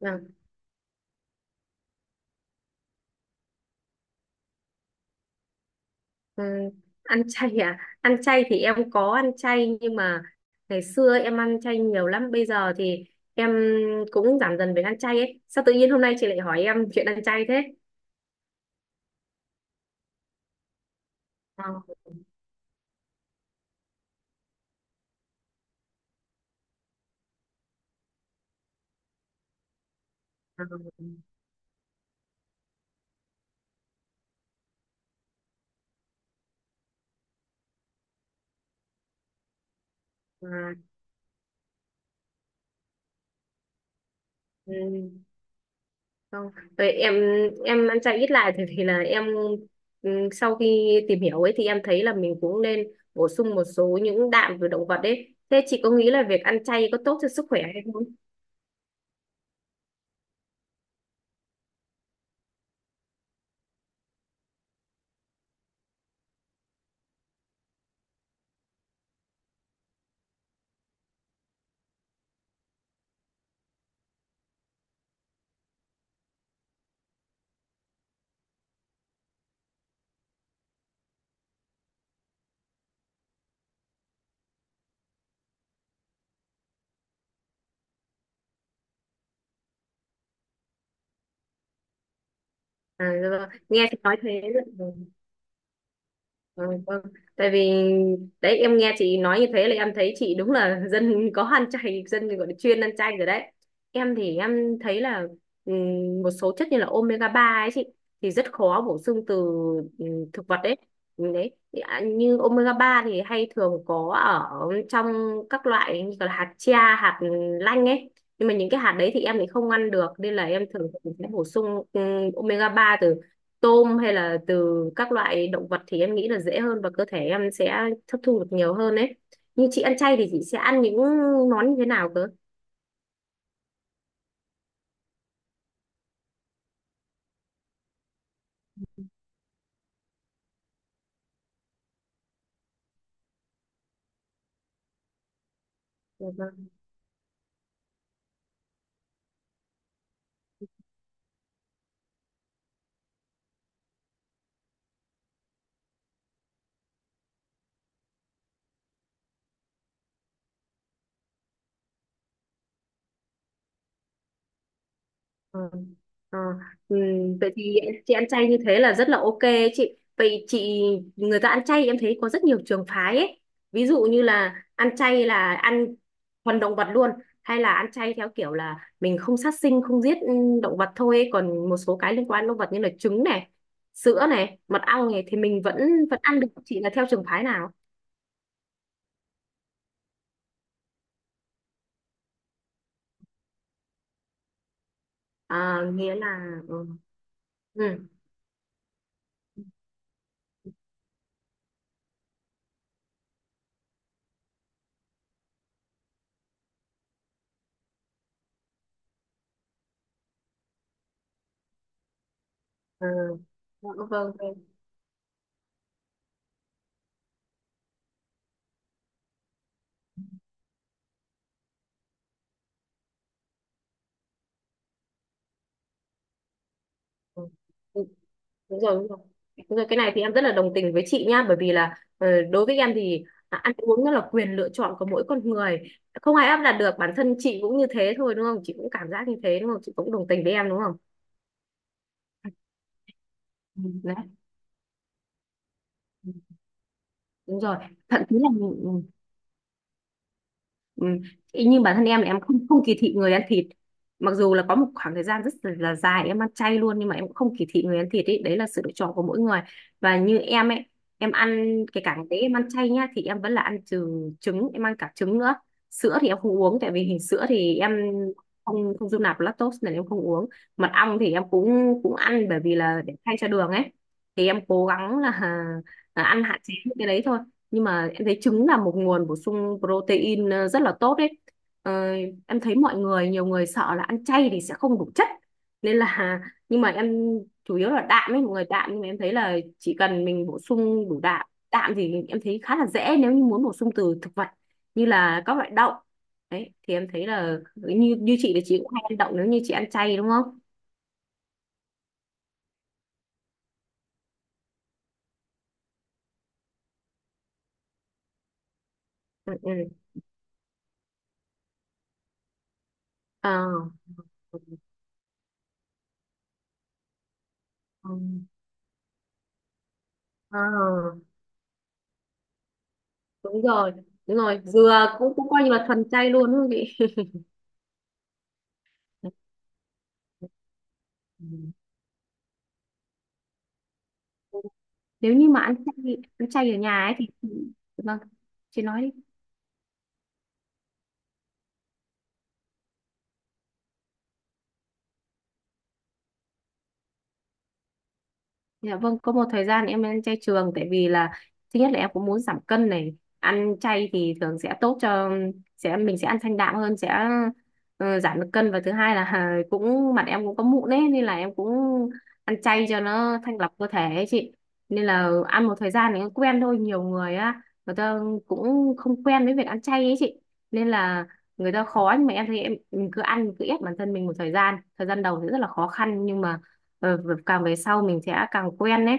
Vâng. Ừ. Ăn chay à? Ăn chay thì em có ăn chay nhưng mà ngày xưa em ăn chay nhiều lắm. Bây giờ thì em cũng giảm dần về ăn chay ấy. Sao tự nhiên hôm nay chị lại hỏi em chuyện ăn chay thế? Ờ. Ờ. Ờ. Ừ. Không. Vậy em em ăn chay ít lại thì là em, sau khi tìm hiểu ấy thì em thấy là mình cũng nên bổ sung một số những đạm từ động vật ấy. Thế chị có nghĩ là việc ăn chay có tốt cho sức khỏe hay không? À, rồi, nghe chị nói thế. Ừ. Ừ, vâng. Tại vì đấy em nghe chị nói như thế là em thấy chị đúng là dân có ăn chay, dân gọi là chuyên ăn chay rồi đấy. Em thì em thấy là một số chất như là omega 3 ấy chị, thì rất khó bổ sung từ thực vật đấy. Ừ, đấy. Thì, như omega 3 thì hay thường có ở trong các loại như là hạt chia, hạt lanh ấy, nhưng mà những cái hạt đấy thì em thì không ăn được, nên là em thường sẽ bổ sung omega 3 từ tôm hay là từ các loại động vật, thì em nghĩ là dễ hơn và cơ thể em sẽ hấp thu được nhiều hơn đấy. Nhưng chị ăn chay thì chị sẽ ăn những món như thế nào cơ? Ờ. Ờ. Ừ. Vậy thì chị ăn chay như thế là rất là ok ấy chị. Vậy chị, người ta ăn chay em thấy có rất nhiều trường phái ấy. Ví dụ như là ăn chay là ăn thuần động vật luôn, hay là ăn chay theo kiểu là mình không sát sinh, không giết động vật thôi ấy. Còn một số cái liên quan đến động vật như là trứng này, sữa này, mật ong này thì mình vẫn vẫn ăn được. Chị là theo trường phái nào? À, nghĩa là. Ừ. Ừ. Ừ. Dạ, vâng, vâng. Ừ. Ừ. Đúng rồi, đúng rồi. Đúng rồi, cái này thì em rất là đồng tình với chị nha, bởi vì là, đối với em thì, ăn uống nó là quyền lựa chọn của mỗi con người. Không ai áp đặt được, bản thân chị cũng như thế thôi đúng không? Chị cũng cảm giác như thế đúng không? Chị cũng đồng tình với em đúng không? Ừ, đấy. Ừ. Đúng rồi. Thậm chí là. Ừ. Ý như bản thân em là em không không kỳ thị người ăn thịt, mặc dù là có một khoảng thời gian rất là dài em ăn chay luôn, nhưng mà em cũng không kỳ thị người ăn thịt ấy, đấy là sự lựa chọn của mỗi người. Và như em ấy, em ăn cái cả ngày đấy em ăn chay nhá, thì em vẫn là ăn trừ trứng, em ăn cả trứng nữa. Sữa thì em không uống, tại vì hình sữa thì em không không dung nạp lactose nên em không uống. Mật ong thì em cũng cũng ăn, bởi vì là để thay cho đường ấy, thì em cố gắng là, là ăn hạn chế những cái đấy thôi, nhưng mà em thấy trứng là một nguồn bổ sung protein rất là tốt đấy. ờ, em thấy mọi người, nhiều người sợ là ăn chay thì sẽ không đủ chất, nên là, nhưng mà em chủ yếu là đạm ấy, mọi người đạm, nhưng mà em thấy là chỉ cần mình bổ sung đủ đạm, đạm thì em thấy khá là dễ. Nếu như muốn bổ sung từ thực vật như là các loại đậu đấy, thì em thấy là như như chị là chị cũng hay ăn đậu nếu như chị ăn chay đúng không. Ừ. Ừ. Ờ. Ừ. Ờ. Đúng rồi, đúng rồi, dừa cũng cũng coi như là thuần chay luôn đúng không chị. Ừ. Nếu như mà ăn chay ở nhà ấy thì. Vâng. Chị nói đi. Dạ vâng, có một thời gian em ăn chay trường, tại vì là thứ nhất là em cũng muốn giảm cân này, ăn chay thì thường sẽ tốt cho, sẽ mình sẽ ăn thanh đạm hơn, sẽ giảm được cân, và thứ hai là cũng mặt em cũng có mụn ấy, nên là em cũng ăn chay cho nó thanh lọc cơ thể ấy chị. Nên là ăn một thời gian thì cũng quen thôi, nhiều người á, người ta cũng không quen với việc ăn chay ấy chị. Nên là người ta khó, nhưng mà em thấy em mình cứ ăn, cứ ép bản thân mình một thời gian đầu thì rất là khó khăn, nhưng mà càng về sau mình sẽ càng quen đấy.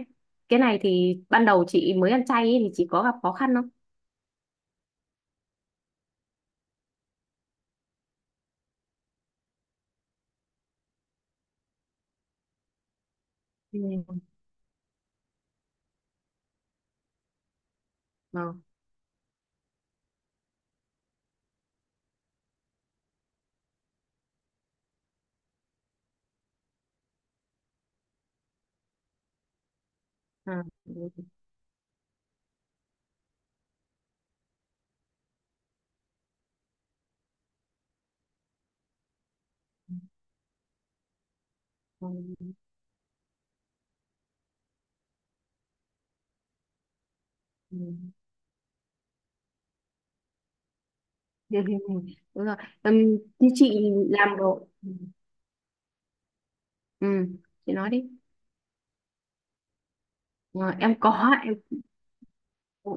Cái này thì ban đầu chị mới ăn chay ấy, thì chị có gặp khó khăn không? Ừ. Ờ. À. Ừ. Ừ. Ừ. Đúng rồi. Như chị làm đồ. Ừ, chị nói đi. Ờ, em có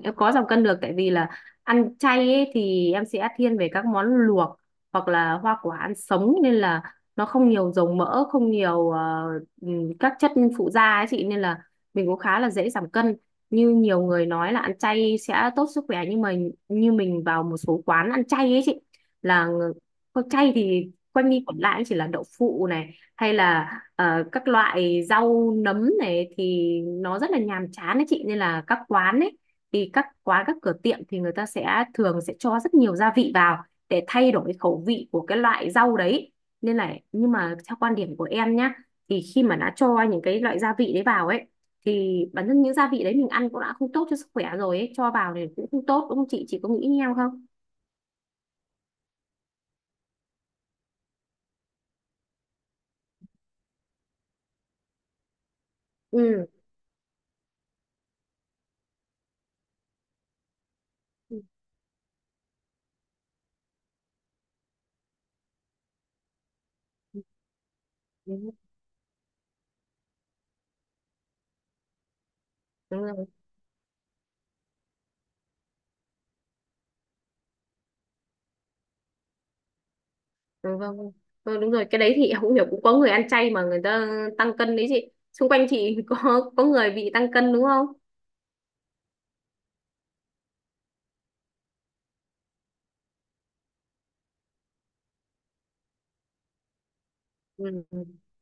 Em có giảm cân được, tại vì là ăn chay ấy, thì em sẽ thiên về các món luộc hoặc là hoa quả ăn sống, nên là nó không nhiều dầu mỡ, không nhiều, các chất phụ gia ấy chị, nên là mình cũng khá là dễ giảm cân. Như nhiều người nói là ăn chay sẽ tốt sức khỏe, nhưng mà như mình vào một số quán ăn chay ấy chị, là có chay thì quanh đi quẩn lại chỉ là đậu phụ này, hay là các loại rau nấm này, thì nó rất là nhàm chán đấy chị. Nên là các quán ấy, thì các quán, các cửa tiệm thì người ta sẽ thường sẽ cho rất nhiều gia vị vào để thay đổi khẩu vị của cái loại rau đấy, nên là, nhưng mà theo quan điểm của em nhá, thì khi mà đã cho những cái loại gia vị đấy vào ấy, thì bản thân những gia vị đấy mình ăn cũng đã không tốt cho sức khỏe rồi ấy, cho vào thì cũng không tốt đúng không chị, chị có nghĩ như em không? Ừ. Ừ, đúng rồi. Ừ, vâng, vâng. Ờ, đúng rồi, cái đấy thì em cũng hiểu, cũng có người ăn chay mà người ta tăng cân đấy chị, xung quanh chị có người bị tăng cân đúng không. Ừ. Ừ.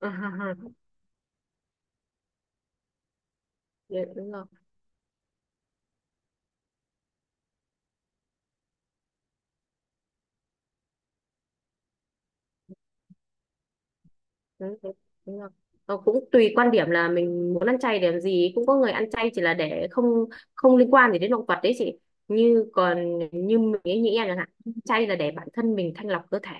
À, ha, ha. Dạ, đúng rồi. Đúng rồi, đúng rồi. Ờ, cũng tùy quan điểm là mình muốn ăn chay để làm gì, cũng có người ăn chay chỉ là để không không liên quan gì đến động vật đấy chị, như còn như mình ấy, nghĩ em chẳng hạn, chay là để bản thân mình thanh lọc cơ thể,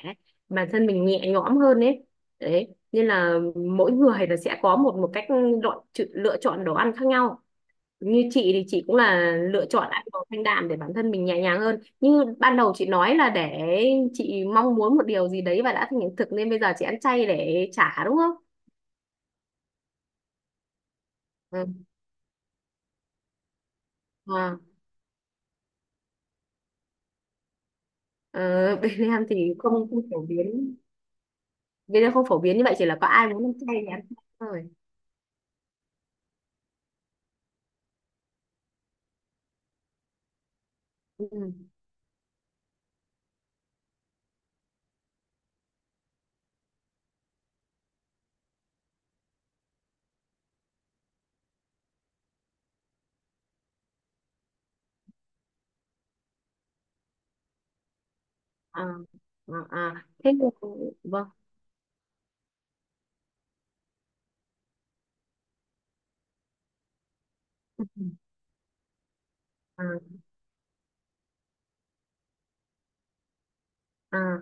bản thân mình nhẹ nhõm hơn ấy, đấy nên là mỗi người là sẽ có một một cách lựa, lựa chọn đồ ăn khác nhau. Như chị thì chị cũng là lựa chọn ăn đồ thanh đạm để bản thân mình nhẹ nhàng hơn, như ban đầu chị nói là để chị mong muốn một điều gì đấy và đã thành hiện thực, nên bây giờ chị ăn chay để trả đúng không. Ừ. À. ờ, bên em thì không không phổ biến, bên em không phổ biến như vậy, chỉ là có ai muốn ăn chay thì ăn chay thôi. Ừ. À. À. À. Vâng. Ừ. À. À.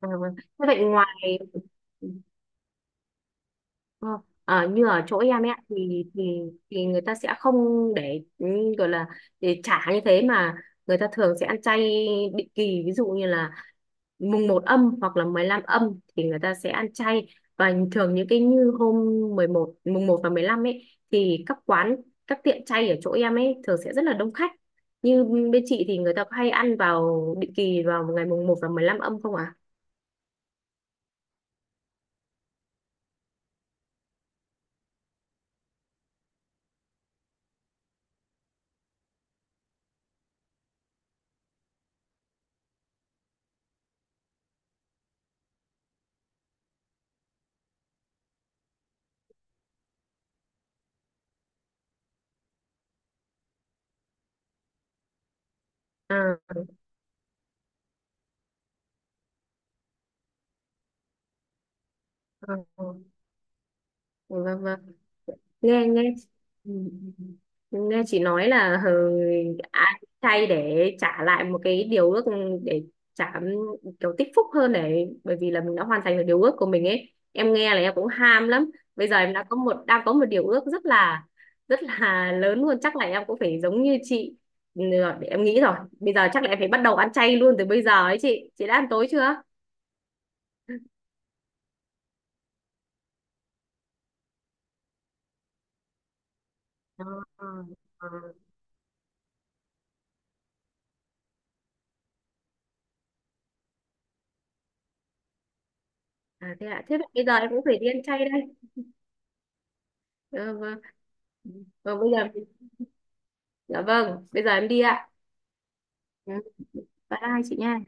À, vâng. Thế vậy ngoài. Ờ. Ờ, như ở chỗ em ấy ạ, thì người ta sẽ không để, gọi là để trả như thế, mà người ta thường sẽ ăn chay định kỳ, ví dụ như là mùng một âm hoặc là 15 âm thì người ta sẽ ăn chay, và thường những cái như hôm 11, mùng một và 15 ấy, thì các quán, các tiệm chay ở chỗ em ấy thường sẽ rất là đông khách. Như bên chị thì người ta có hay ăn vào định kỳ vào ngày mùng một và 15 âm không ạ? À? À. À, vâng, vâng. Nghe nghe. Ừ. Nghe chị nói là, ai chay để trả lại một cái điều ước, để trả, kiểu tích phúc hơn, để bởi vì là mình đã hoàn thành được điều ước của mình ấy, em nghe là em cũng ham lắm. Bây giờ em đã có một đang có một điều ước rất là, rất là lớn luôn, chắc là em cũng phải giống như chị. Ừ, để em nghĩ rồi, bây giờ chắc là em phải bắt đầu ăn chay luôn từ bây giờ ấy chị. Chị đã ăn tối chưa? Ờ. Ờ. Ờ. À, thế ạ, thế bây giờ em cũng phải đi ăn chay đây. Dạ vâng. Vâng, bây giờ, dạ vâng, bây giờ em đi ạ. Ừ. Bye hai chị nha.